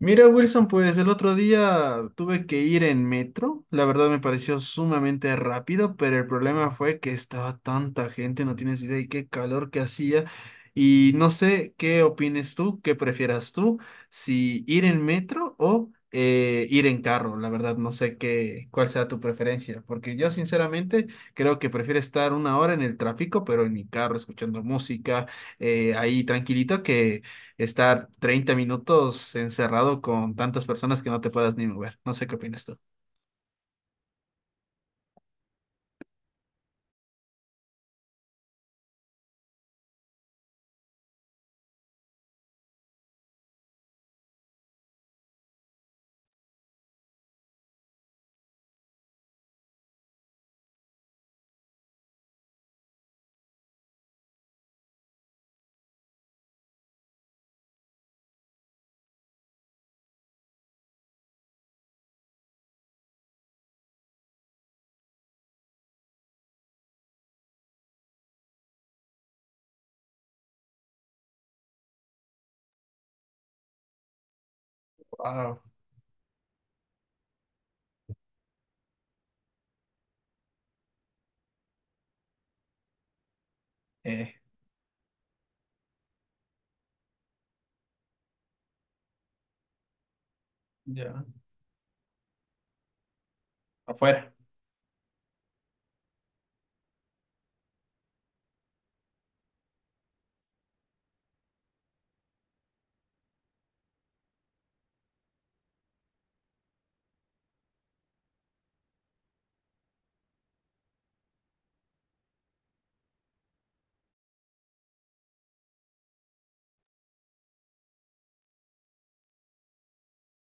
Mira, Wilson, pues el otro día tuve que ir en metro. La verdad me pareció sumamente rápido, pero el problema fue que estaba tanta gente, no tienes idea, y qué calor que hacía. Y no sé qué opines tú, qué prefieras tú, si ir en metro o ir en carro. La verdad no sé cuál sea tu preferencia, porque yo sinceramente creo que prefiero estar una hora en el tráfico, pero en mi carro, escuchando música, ahí tranquilito que estar 30 minutos encerrado con tantas personas que no te puedas ni mover. No sé qué opinas tú. Wow. Eh, ya, afuera.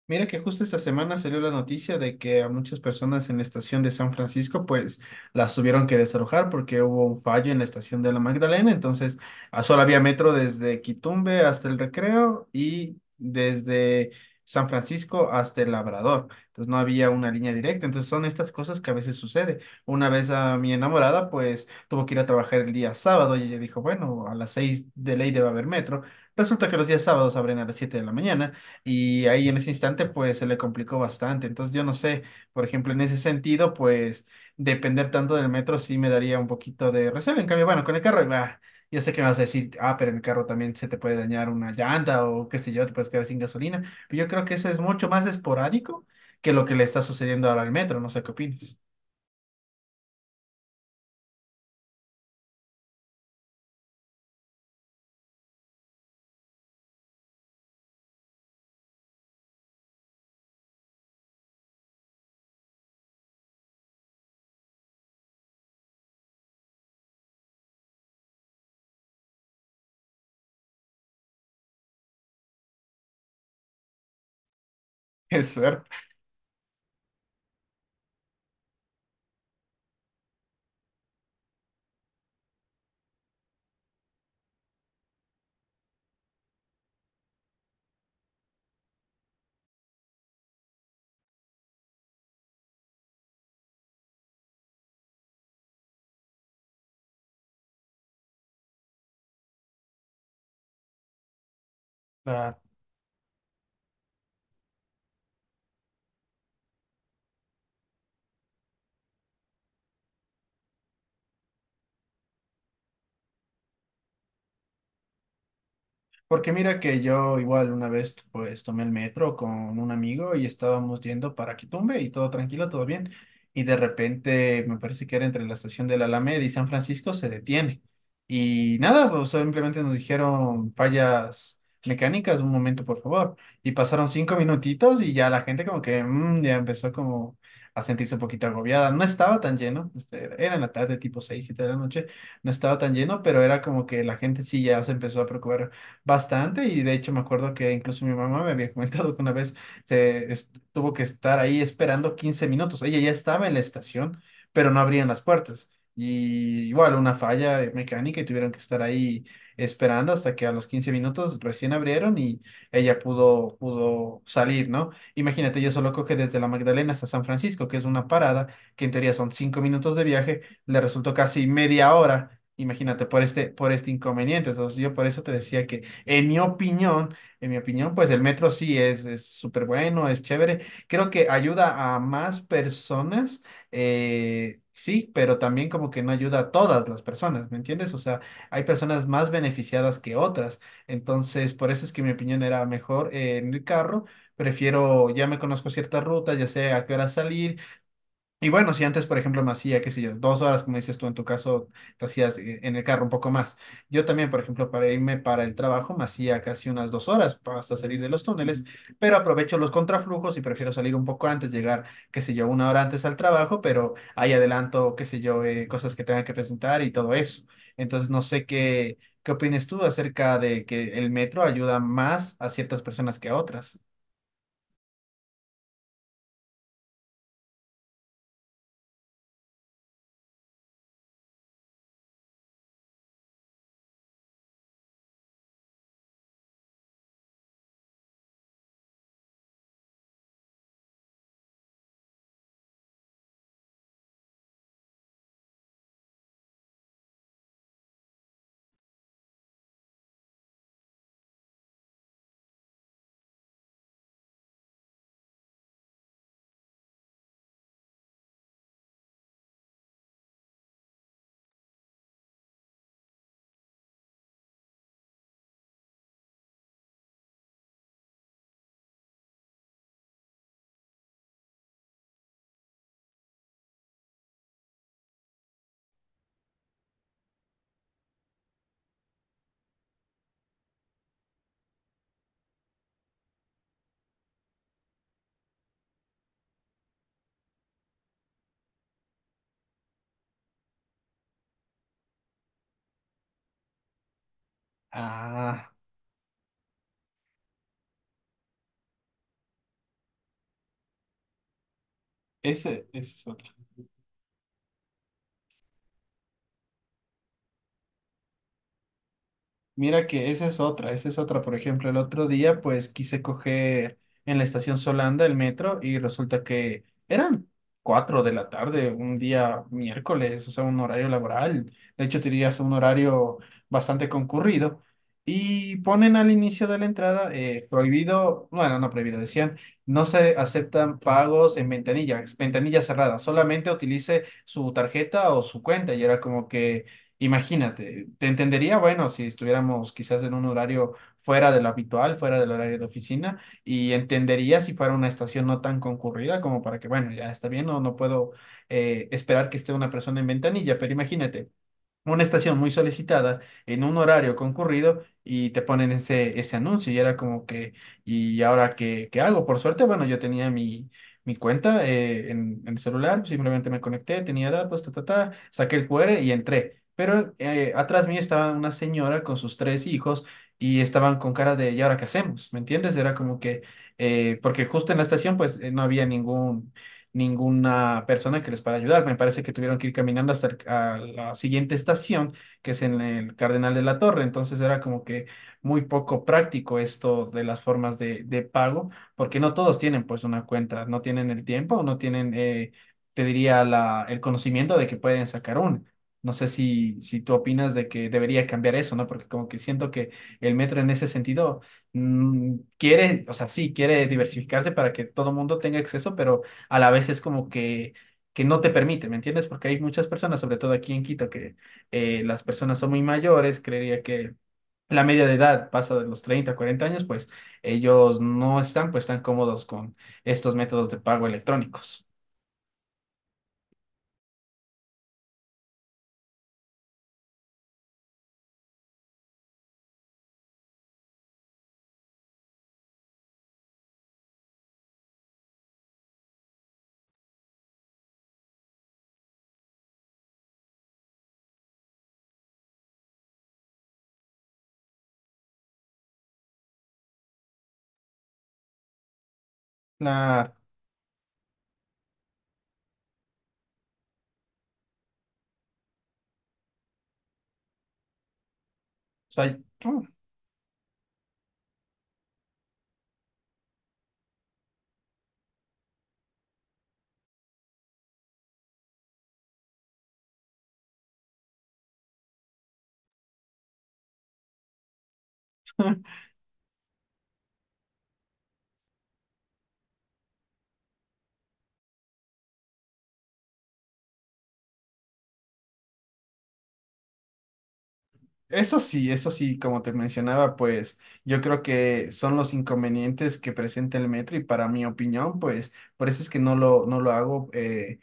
Mira que justo esta semana salió la noticia de que a muchas personas en la estación de San Francisco pues las tuvieron que desalojar porque hubo un fallo en la estación de la Magdalena, entonces ah, solo había metro desde Quitumbe hasta el Recreo y desde San Francisco hasta el Labrador, entonces no había una línea directa, entonces son estas cosas que a veces sucede. Una vez a mi enamorada pues tuvo que ir a trabajar el día sábado y ella dijo, bueno, a las 6 de ley debe haber metro. Resulta que los días sábados abren a las 7 de la mañana y ahí en ese instante, pues se le complicó bastante. Entonces, yo no sé, por ejemplo, en ese sentido, pues depender tanto del metro sí me daría un poquito de recelo. En cambio, bueno, con el carro, bah, yo sé que me vas a decir, ah, pero en el carro también se te puede dañar una llanta o qué sé yo, te puedes quedar sin gasolina. Pero yo creo que eso es mucho más esporádico que lo que le está sucediendo ahora al metro. No sé qué opinas. Es suerte. Porque mira que yo igual una vez pues tomé el metro con un amigo y estábamos yendo para Quitumbe y todo tranquilo, todo bien. Y de repente me parece que era entre la estación de la Alameda y San Francisco se detiene. Y nada, pues simplemente nos dijeron fallas mecánicas, un momento por favor. Y pasaron 5 minutitos y ya la gente como que ya empezó como a sentirse un poquito agobiada. No estaba tan lleno, era en la tarde tipo 6, 7 de la noche no estaba tan lleno, pero era como que la gente sí ya se empezó a preocupar bastante y de hecho me acuerdo que incluso mi mamá me había comentado que una vez tuvo que estar ahí esperando 15 minutos. Ella ya estaba en la estación, pero no abrían las puertas. Y igual una falla mecánica y tuvieron que estar ahí esperando hasta que a los 15 minutos recién abrieron y pudo salir, ¿no? Imagínate, yo solo coge desde la Magdalena hasta San Francisco, que es una parada, que en teoría son 5 minutos de viaje, le resultó casi media hora. Imagínate, por este inconveniente. Entonces, yo por eso te decía que en mi opinión, en mi opinión, pues el metro sí es súper bueno, es chévere. Creo que ayuda a más personas, sí, pero también como que no ayuda a todas las personas, ¿me entiendes? O sea, hay personas más beneficiadas que otras. Entonces, por eso es que mi opinión era mejor en el carro. Prefiero, ya me conozco ciertas rutas, ya sé a qué hora salir y bueno, si antes, por ejemplo, me hacía, qué sé yo, 2 horas, como dices tú en tu caso, te hacías en el carro un poco más. Yo también, por ejemplo, para irme para el trabajo, me hacía casi unas 2 horas hasta salir de los túneles, pero aprovecho los contraflujos y prefiero salir un poco antes, llegar, qué sé yo, una hora antes al trabajo, pero ahí adelanto, qué sé yo, cosas que tenga que presentar y todo eso. Entonces, no sé qué opinas tú acerca de que el metro ayuda más a ciertas personas que a otras. Ah, ese es otro. Mira que esa es otra, esa es otra. Por ejemplo, el otro día pues quise coger en la estación Solanda el metro y resulta que eran 4 de la tarde, un día miércoles, o sea, un horario laboral. De hecho, tenía hasta un horario bastante concurrido. Y ponen al inicio de la entrada prohibido, bueno, no prohibido, decían, no se aceptan pagos en ventanilla, ventanilla cerrada, solamente utilice su tarjeta o su cuenta. Y era como que... Imagínate, te entendería, bueno, si estuviéramos quizás en un horario fuera de lo habitual, fuera del horario de oficina, y entendería si fuera una estación no tan concurrida como para que, bueno, ya está bien, no, no puedo esperar que esté una persona en ventanilla, pero imagínate, una estación muy solicitada en un horario concurrido y te ponen ese anuncio y era como que, ¿y ahora qué hago? Por suerte, bueno, yo tenía mi cuenta en el celular, simplemente me conecté, tenía datos, ta, ta, ta, saqué el QR y entré. Pero atrás mío estaba una señora con sus tres hijos y estaban con cara de, ¿y ahora qué hacemos? ¿Me entiendes? Era como que, porque justo en la estación pues no había ningún ninguna persona que les pueda ayudar. Me parece que tuvieron que ir caminando hasta a la siguiente estación, que es en el Cardenal de la Torre. Entonces era como que muy poco práctico esto de las formas de pago, porque no todos tienen pues una cuenta, no tienen el tiempo, no tienen, te diría, el conocimiento de que pueden sacar una. No sé si tú opinas de que debería cambiar eso, ¿no? Porque como que siento que el metro en ese sentido quiere, o sea, sí, quiere diversificarse para que todo el mundo tenga acceso, pero a la vez es como que no te permite, ¿me entiendes? Porque hay muchas personas, sobre todo aquí en Quito, que las personas son muy mayores, creería que la media de edad pasa de los 30 a 40 años, pues ellos no están pues tan cómodos con estos métodos de pago electrónicos. La, o sea, mm, eso sí, como te mencionaba, pues yo creo que son los inconvenientes que presenta el metro y para mi opinión, pues por eso es que no lo hago.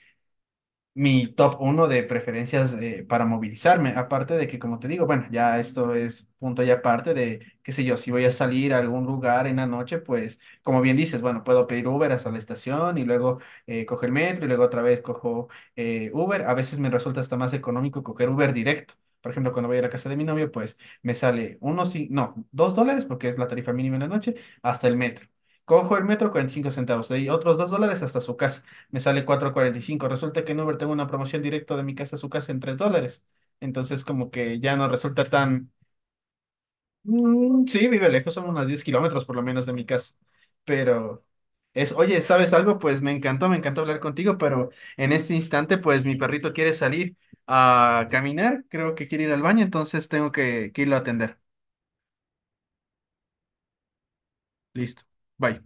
Mi top uno de preferencias para movilizarme. Aparte de que, como te digo, bueno, ya esto es punto y aparte de, qué sé yo, si voy a salir a algún lugar en la noche, pues, como bien dices, bueno, puedo pedir Uber hasta la estación y luego cojo el metro y luego otra vez cojo Uber. A veces me resulta hasta más económico coger Uber directo. Por ejemplo, cuando voy a la casa de mi novio, pues me sale uno, sí, no, $2, porque es la tarifa mínima en la noche, hasta el metro. Cojo el metro, 45 centavos, de ahí otros $2 hasta su casa me sale 4.45. Resulta que en Uber tengo una promoción directa de mi casa a su casa en $3. Entonces, como que ya no resulta tan... Mm, sí, vive lejos, son unos 10 kilómetros por lo menos de mi casa. Pero es, oye, ¿sabes algo? Pues me encantó hablar contigo, pero en este instante, pues mi perrito quiere salir a caminar, creo que quiere ir al baño, entonces tengo que irlo a atender. Listo. Bye.